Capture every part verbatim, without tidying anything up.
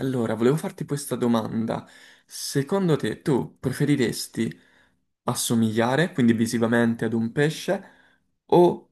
Allora, volevo farti questa domanda. Secondo te, tu preferiresti assomigliare, quindi visivamente, ad un pesce o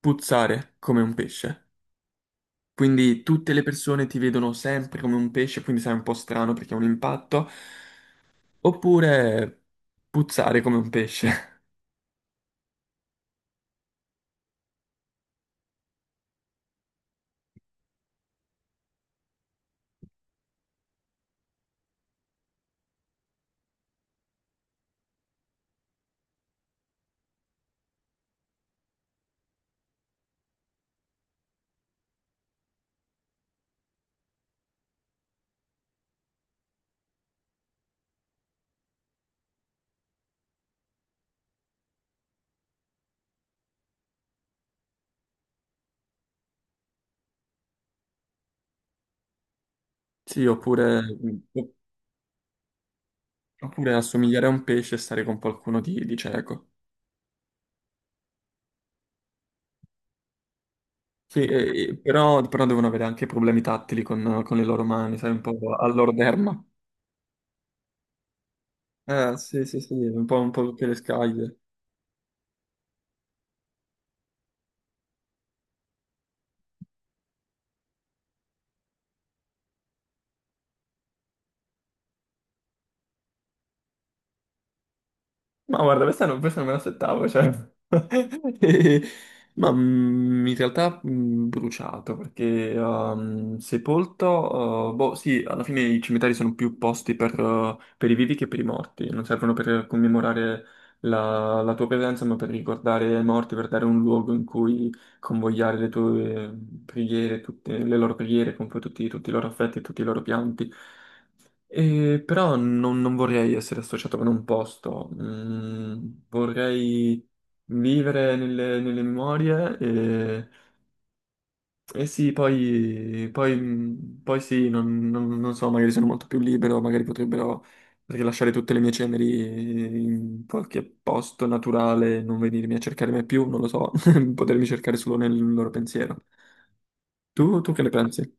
puzzare come un pesce? Quindi tutte le persone ti vedono sempre come un pesce, quindi sei un po' strano perché è un impatto, oppure puzzare come un pesce? Sì, oppure, oppure assomigliare a un pesce e stare con qualcuno di, di cieco. Sì, eh, eh, però, però devono avere anche problemi tattili con, con le loro mani, sai, un po' all'orderma. Eh, sì, sì, sì, un po', un po' tutte le scaglie. Ma guarda, questa non, questa non me l'aspettavo, cioè... E- Ma mm, in realtà mm, bruciato, perché um, sepolto... uh, boh, sì, alla fine i cimiteri sono più posti per, uh, per i vivi che per i morti. Non servono per commemorare la, la tua presenza, ma per ricordare i morti, per dare un luogo in cui convogliare le tue mm, preghiere, tutte le loro preghiere, con poi tutti tutti i loro affetti, tutti i loro pianti. Eh, però non, non vorrei essere associato con un posto. Mm, vorrei vivere nelle, nelle memorie e, e sì, poi, poi- poi sì, non, non- non so, magari sono molto più libero, magari potrebbero rilasciare tutte le mie ceneri in qualche posto naturale, non venirmi a cercare mai più, non lo so, potermi cercare solo nel loro pensiero. Tu, tu che ne pensi?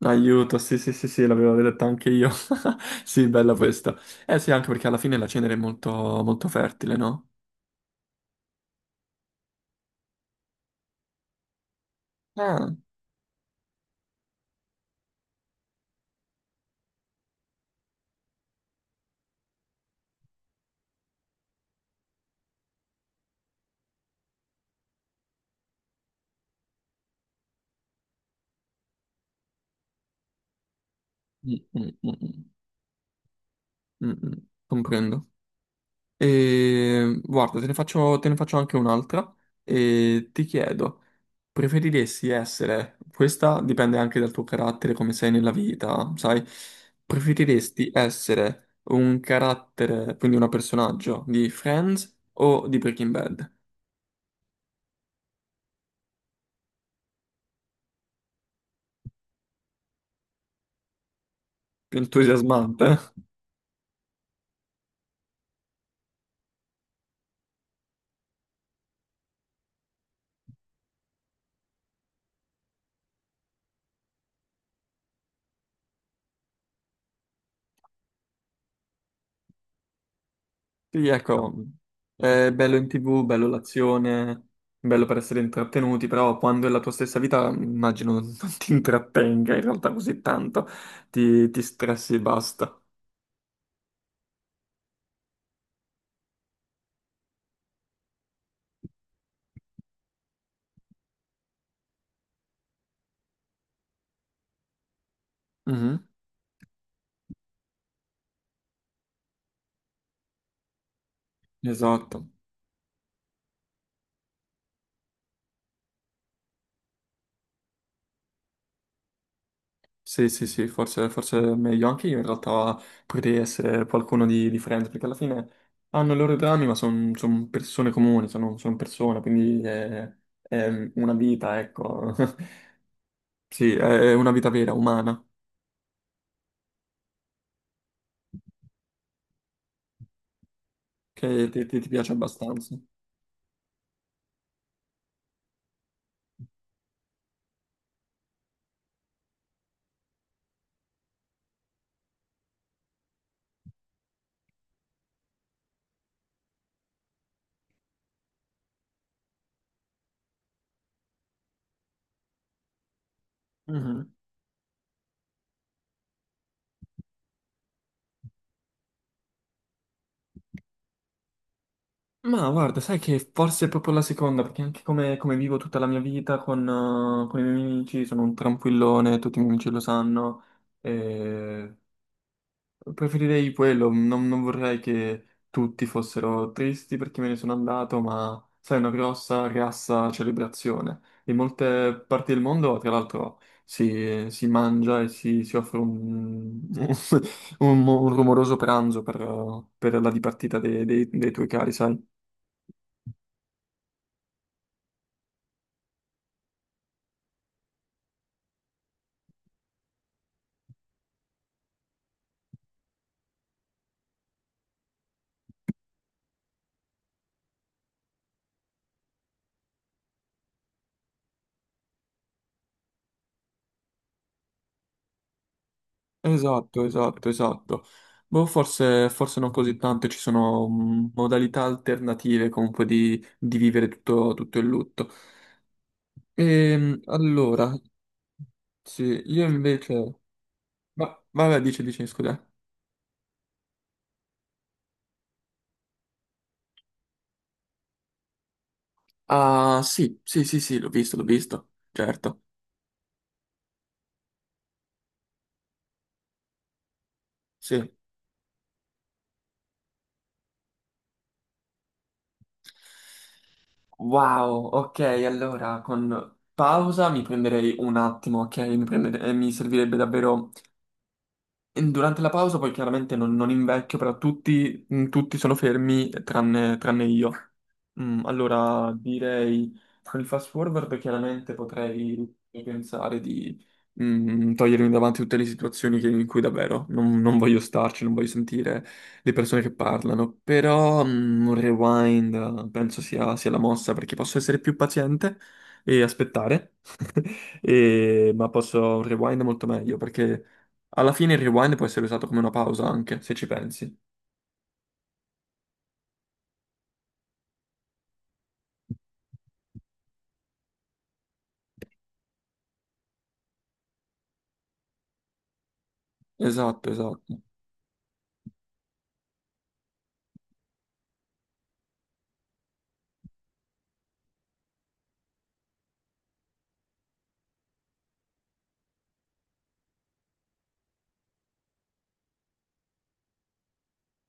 Aiuto, sì, sì, sì, sì, l'avevo detto anche io. Sì, bella questa. Eh sì, anche perché alla fine la cenere è molto, molto fertile, no? Ah, mm, mm, mm, mm, mm, mm, comprendo. E, guarda, te ne faccio, te ne faccio anche un'altra e ti chiedo, preferiresti essere, questa dipende anche dal tuo carattere, come sei nella vita, sai? Preferiresti essere un carattere, quindi un personaggio di Friends o di Breaking Bad? Più entusiasmante. Sì, ecco, è bello in T V, bello l'azione, bello per essere intrattenuti, però quando è la tua stessa vita, immagino non ti intrattenga in realtà così tanto, ti, ti stressi e basta. Mhm. Esatto, sì, sì, sì, forse, forse è meglio anche io in realtà potrei essere qualcuno di, di Friends, perché alla fine hanno i loro drammi, ma sono persone comuni, sono persone, quindi è, è una vita, ecco, sì, è una vita vera, umana. Che ti, ti- ti piace abbastanza. Mhm. Ma guarda, sai che forse è proprio la seconda, perché anche come, come vivo tutta la mia vita con, eh, con i miei amici, sono un tranquillone, tutti i miei amici lo sanno. Preferirei quello, non, non vorrei che tutti fossero tristi perché me ne sono andato, ma sai, una grossa, grassa celebrazione. In molte parti del mondo, tra l'altro, si, si mangia e si, si offre un, un- un rumoroso pranzo per, per la dipartita dei, dei- dei tuoi cari, sai? Esatto, esatto, esatto. Boh, forse, forse non così tanto, ci sono mm, modalità alternative comunque di, di vivere tutto tutto il lutto. Ehm, allora, sì, io invece... Ma, vabbè, dice, dice, scusa. Ah, sì, sì, sì, sì, l'ho visto, l'ho visto, certo. Sì. Wow, ok, allora con pausa mi prenderei un attimo, ok? Mi, prendere- eh, mi servirebbe davvero... Durante la pausa poi chiaramente non, non invecchio, però tutti, mm, tutti sono fermi tranne, tranne io. Mm, allora, direi con il fast forward chiaramente potrei pensare di mm, togliermi davanti tutte le situazioni che- in cui davvero non, non voglio starci, non voglio sentire le persone che parlano, però mm, un rewind eh, penso sia, sia la mossa perché posso essere più paziente e aspettare, e- ma posso un rewind è molto meglio perché alla fine il rewind può essere usato come una pausa anche, se ci pensi. Esatto, esatto.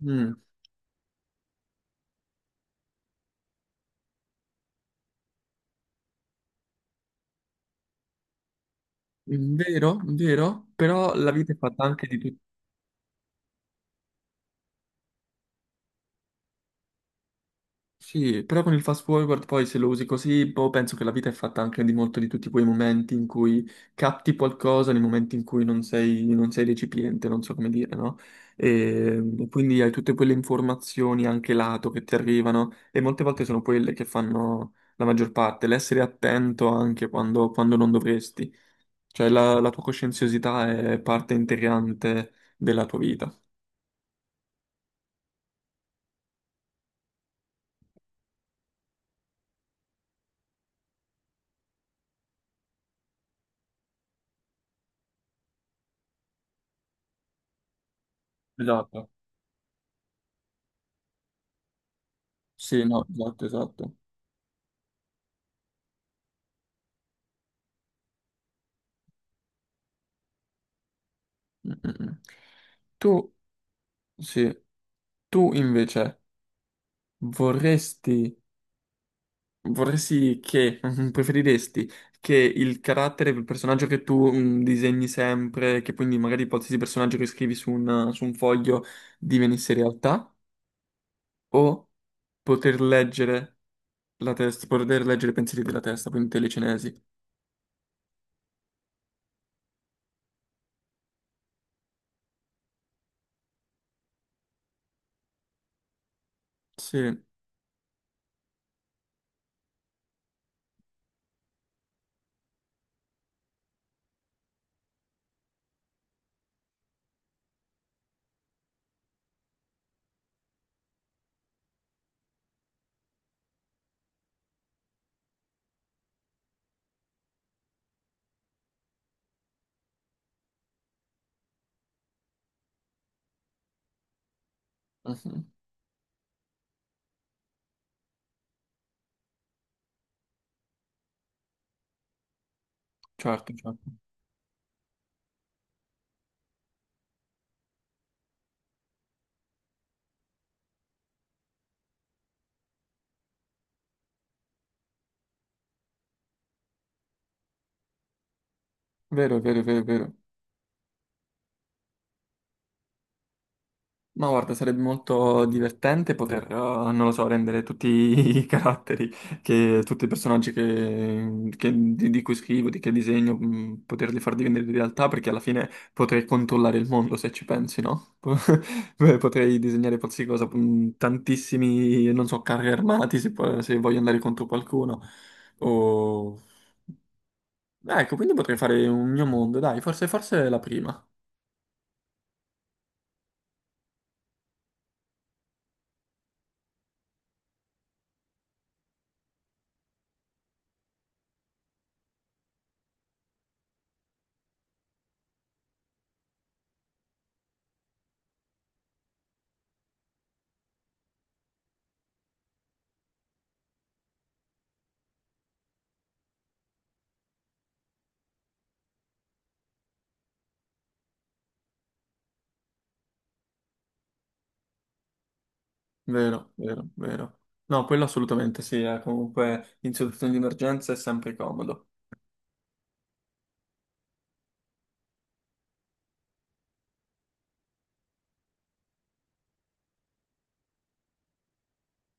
Mm. Vero, vero, però la vita è fatta anche di tutti. Sì, però con il fast forward poi se lo usi così, boh, penso che la vita è fatta anche di molto di tutti quei momenti in cui capti qualcosa, nei momenti in cui non sei, non sei recipiente, non so come dire, no? Ehm, e quindi hai tutte quelle informazioni anche lato che ti arrivano e molte volte sono quelle che fanno la maggior parte, l'essere attento anche quando, quando non dovresti. Cioè la la tua coscienziosità è parte integrante della tua vita. Esatto. Sì, no, esatto, esatto. Mm, mm, mm. Tu, sì, tu invece vorresti, vorresti che, preferiresti che il carattere, il personaggio che tu mm, disegni sempre, che quindi magari qualsiasi personaggio che scrivi su un, su un foglio divenisse realtà, o poter leggere la testa, poter leggere i pensieri della testa, quindi telecinesi? Sì. Mhm. Certo, certo. Vero, vero, vero, vero. Ma guarda, sarebbe molto divertente poter, eh, non lo so, rendere tutti i caratteri, che, tutti i personaggi che- che- di, di cui scrivo, di che disegno, mh, poterli far diventare realtà, perché alla fine potrei controllare il mondo, se ci pensi, no? Beh, potrei disegnare qualsiasi cosa, mh, tantissimi, non so, carri armati, se, po- se voglio andare contro qualcuno. O... Ecco, quindi potrei fare un mio mondo, dai, forse, forse è la prima. Vero, vero, vero. No, quello assolutamente sì, eh, comunque in situazioni di emergenza è sempre comodo.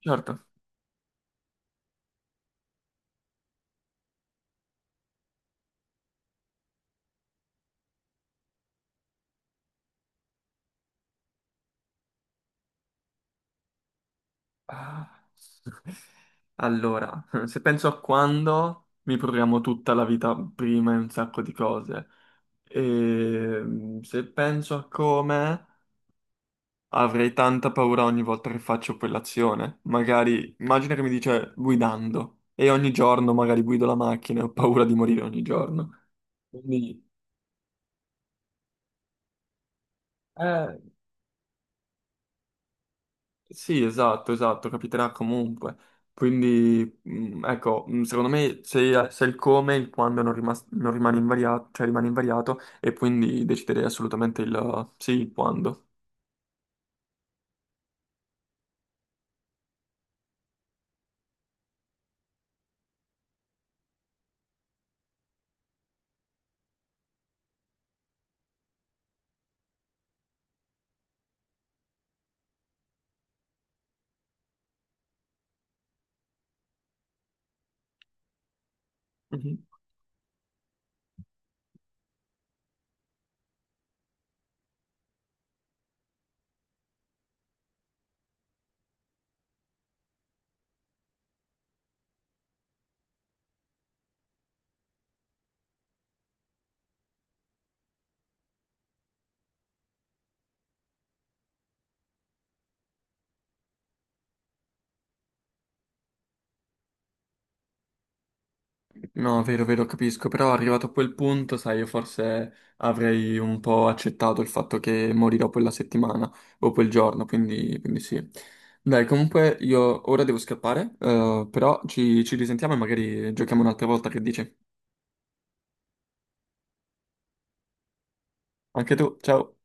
Certo. Ah. Allora, se penso a quando mi programmo tutta la vita prima in un sacco di cose, e se penso a come avrei tanta paura ogni volta che faccio quell'azione. Magari, immagina che mi dice guidando, e ogni giorno magari guido la macchina e ho paura di morire ogni giorno. Quindi... Eh, sì, esatto, esatto, capiterà comunque. Quindi, mh, ecco, mh, secondo me se, se il come, il quando non, rimas- non rimane invariato, cioè rimane invariato, e quindi deciderei assolutamente il sì, il quando. Mhm. No, vero, vero, capisco, però arrivato a quel punto, sai, io forse avrei un po' accettato il fatto che morirò quella settimana o quel giorno, quindi, quindi sì. Dai, comunque io ora devo scappare, eh, però ci, ci risentiamo e magari giochiamo un'altra volta, che dici? Anche tu, ciao!